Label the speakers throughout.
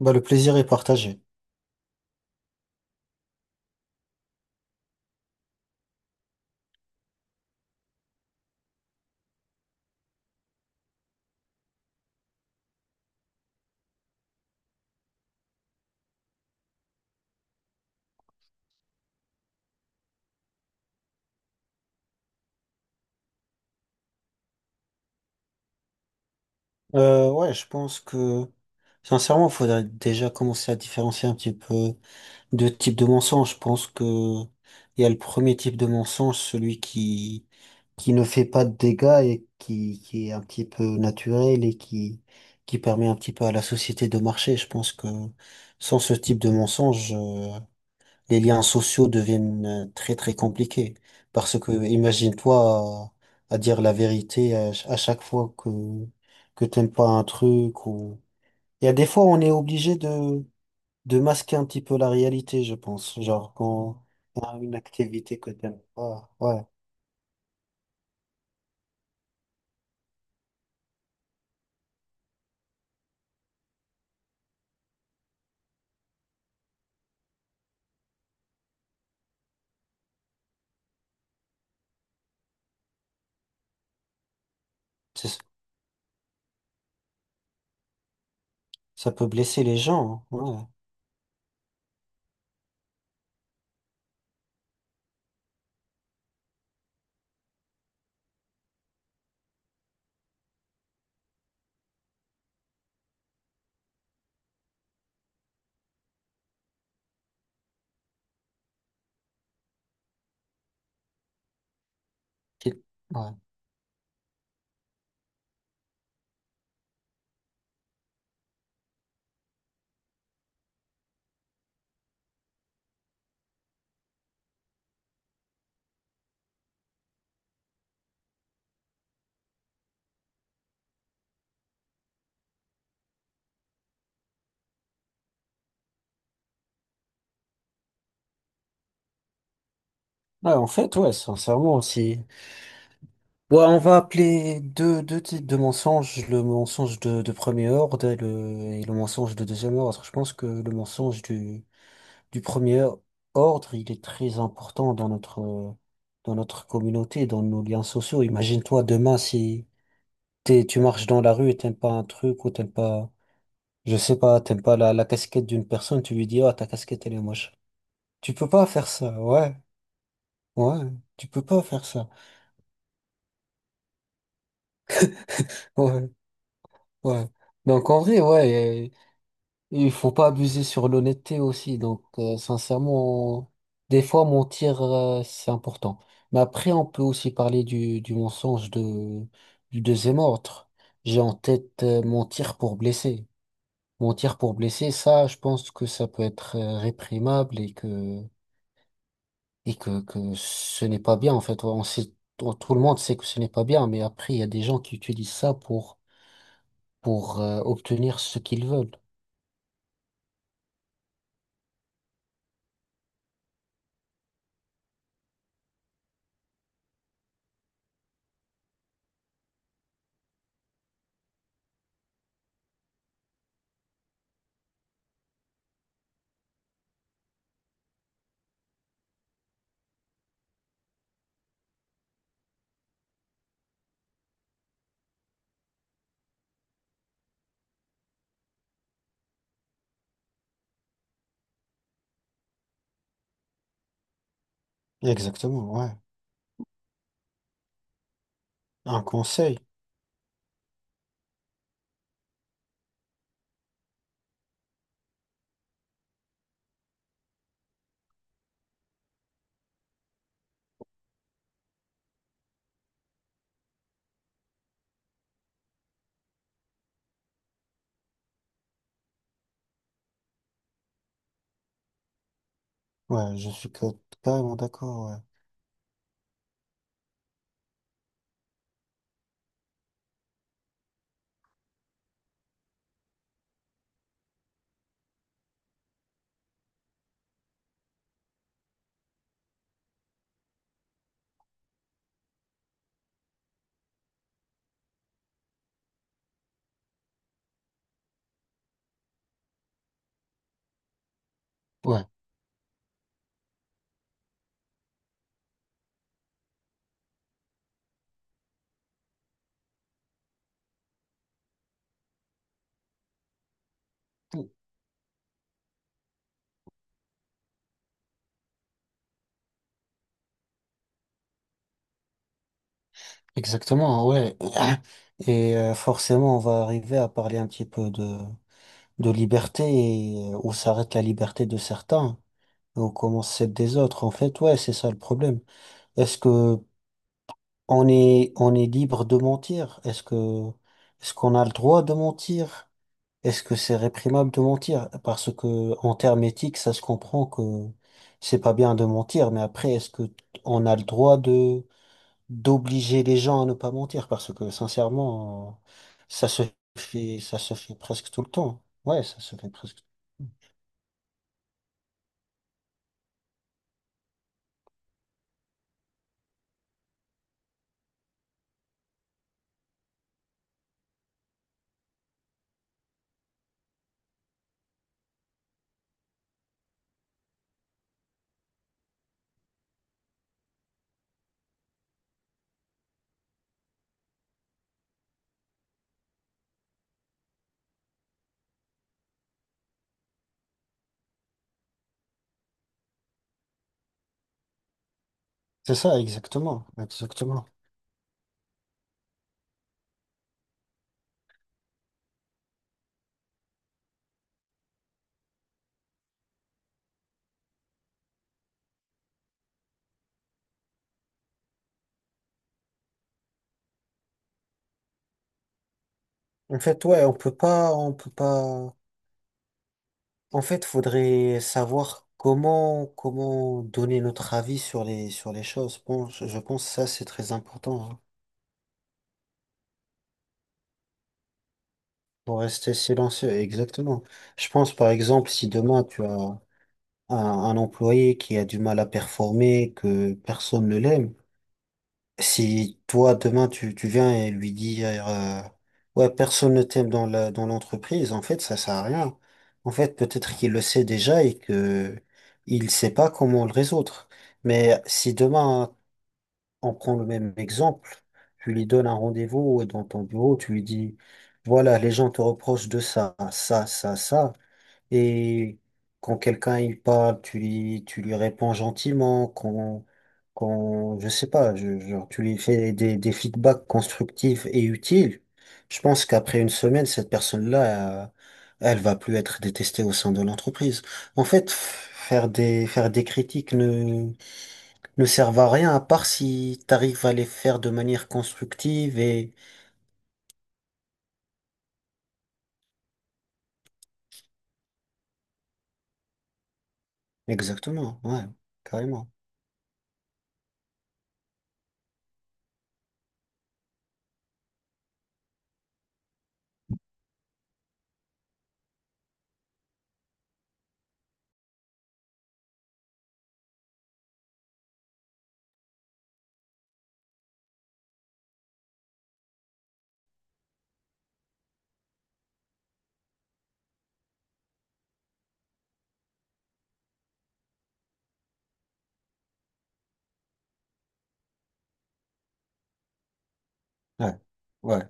Speaker 1: Bah, le plaisir est partagé. Ouais, je pense que, sincèrement, il faudrait déjà commencer à différencier un petit peu deux types de mensonges. Je pense que il y a le premier type de mensonge, celui qui ne fait pas de dégâts et qui est un petit peu naturel et qui permet un petit peu à la société de marcher. Je pense que sans ce type de mensonge, les liens sociaux deviennent très très compliqués. Parce que imagine-toi à dire la vérité à, à chaque fois que t'aimes pas un truc ou... Il y a des fois on est obligé de masquer un petit peu la réalité, je pense. Genre quand on a une activité que t'aimes pas, ouais, c'est ça peut blesser les gens, hein, ouais. Qu'il- ouais. Ouais, en fait, ouais, sincèrement, si, Ouais, on va appeler deux types de mensonges, le mensonge de premier ordre et le mensonge de deuxième ordre. Je pense que le mensonge du premier ordre, il est très important dans notre communauté, dans nos liens sociaux. Imagine-toi demain si tu marches dans la rue et t'aimes pas un truc ou t'aimes pas, je sais pas, t'aimes pas la casquette d'une personne, tu lui dis, ah, ta casquette, elle est moche. Tu peux pas faire ça, ouais, ouais, tu peux pas faire ça, ouais, ouais. Donc en vrai, ouais. Et il faut pas abuser sur l'honnêteté aussi. Donc, sincèrement, des fois, mentir, c'est important. Mais après, on peut aussi parler du mensonge du deuxième ordre. J'ai en tête, mentir pour blesser. Mentir pour blesser, ça, je pense que ça peut être réprimable et que ce n'est pas bien. En fait, on sait, tout le monde sait que ce n'est pas bien, mais après, il y a des gens qui utilisent ça pour, pour obtenir ce qu'ils veulent. Exactement, ouais. Un conseil. Ouais, je suis carrément d'accord, ouais. Ouais, exactement, ouais. Et forcément, on va arriver à parler un petit peu de liberté et où s'arrête la liberté de certains et où commence celle des autres. En fait, ouais, c'est ça le problème. Est-ce que on est libre de mentir? Est-ce qu'on a le droit de mentir? Est-ce que c'est réprimable de mentir? Parce que, en termes éthiques, ça se comprend que c'est pas bien de mentir, mais après, est-ce que on a le droit de d'obliger les gens à ne pas mentir parce que sincèrement, ça se ça se fait presque tout le temps. Ouais, ça se fait presque. C'est ça, exactement, exactement. En fait, ouais, on peut pas, on peut pas. En fait, faudrait savoir comment, comment donner notre avis sur les choses. Bon, je pense que ça, c'est très important, hein. Pour rester silencieux, exactement. Je pense, par exemple, si demain tu as un, un employé qui a du mal à performer, que personne ne l'aime. Si toi, demain, tu viens et lui dire, ouais, personne ne t'aime dans la, dans l'entreprise, en fait, ça sert à rien. En fait, peut-être qu'il le sait déjà et que il sait pas comment le résoudre. Mais si demain, on prend le même exemple, tu lui donnes un rendez-vous dans ton bureau, tu lui dis, voilà, les gens te reprochent de ça, ça, ça, ça. Et quand quelqu'un il parle, tu lui réponds gentiment, quand, quand, je sais pas, genre, tu lui fais des feedbacks constructifs et utiles. Je pense qu'après une semaine, cette personne-là, elle va plus être détestée au sein de l'entreprise. En fait, faire des critiques ne servent à rien à part si t'arrives à les faire de manière constructive et, exactement, ouais, carrément, ouais, ouais,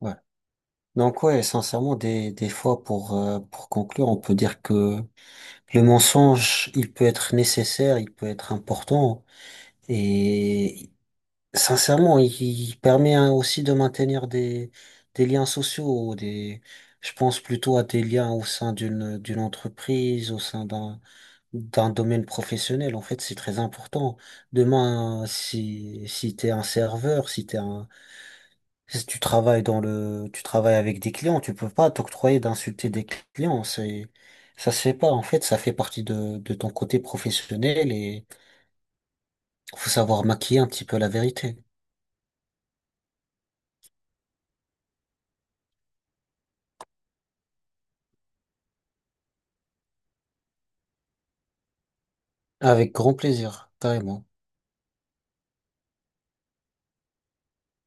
Speaker 1: ouais. Donc ouais, sincèrement, des fois, pour conclure, on peut dire que le mensonge, il peut être nécessaire, il peut être important, et sincèrement, il permet hein, aussi de maintenir des liens sociaux, des, je pense plutôt à des liens au sein d'une, d'une entreprise, au sein d'un, d'un domaine professionnel. En fait, c'est très important. Demain, si, si t'es un serveur, si t'es un si tu travailles dans le, tu travailles avec des clients, tu peux pas t'octroyer d'insulter des clients, c'est, ça se fait pas. En fait, ça fait partie de ton côté professionnel et faut savoir maquiller un petit peu la vérité. Avec grand plaisir, carrément.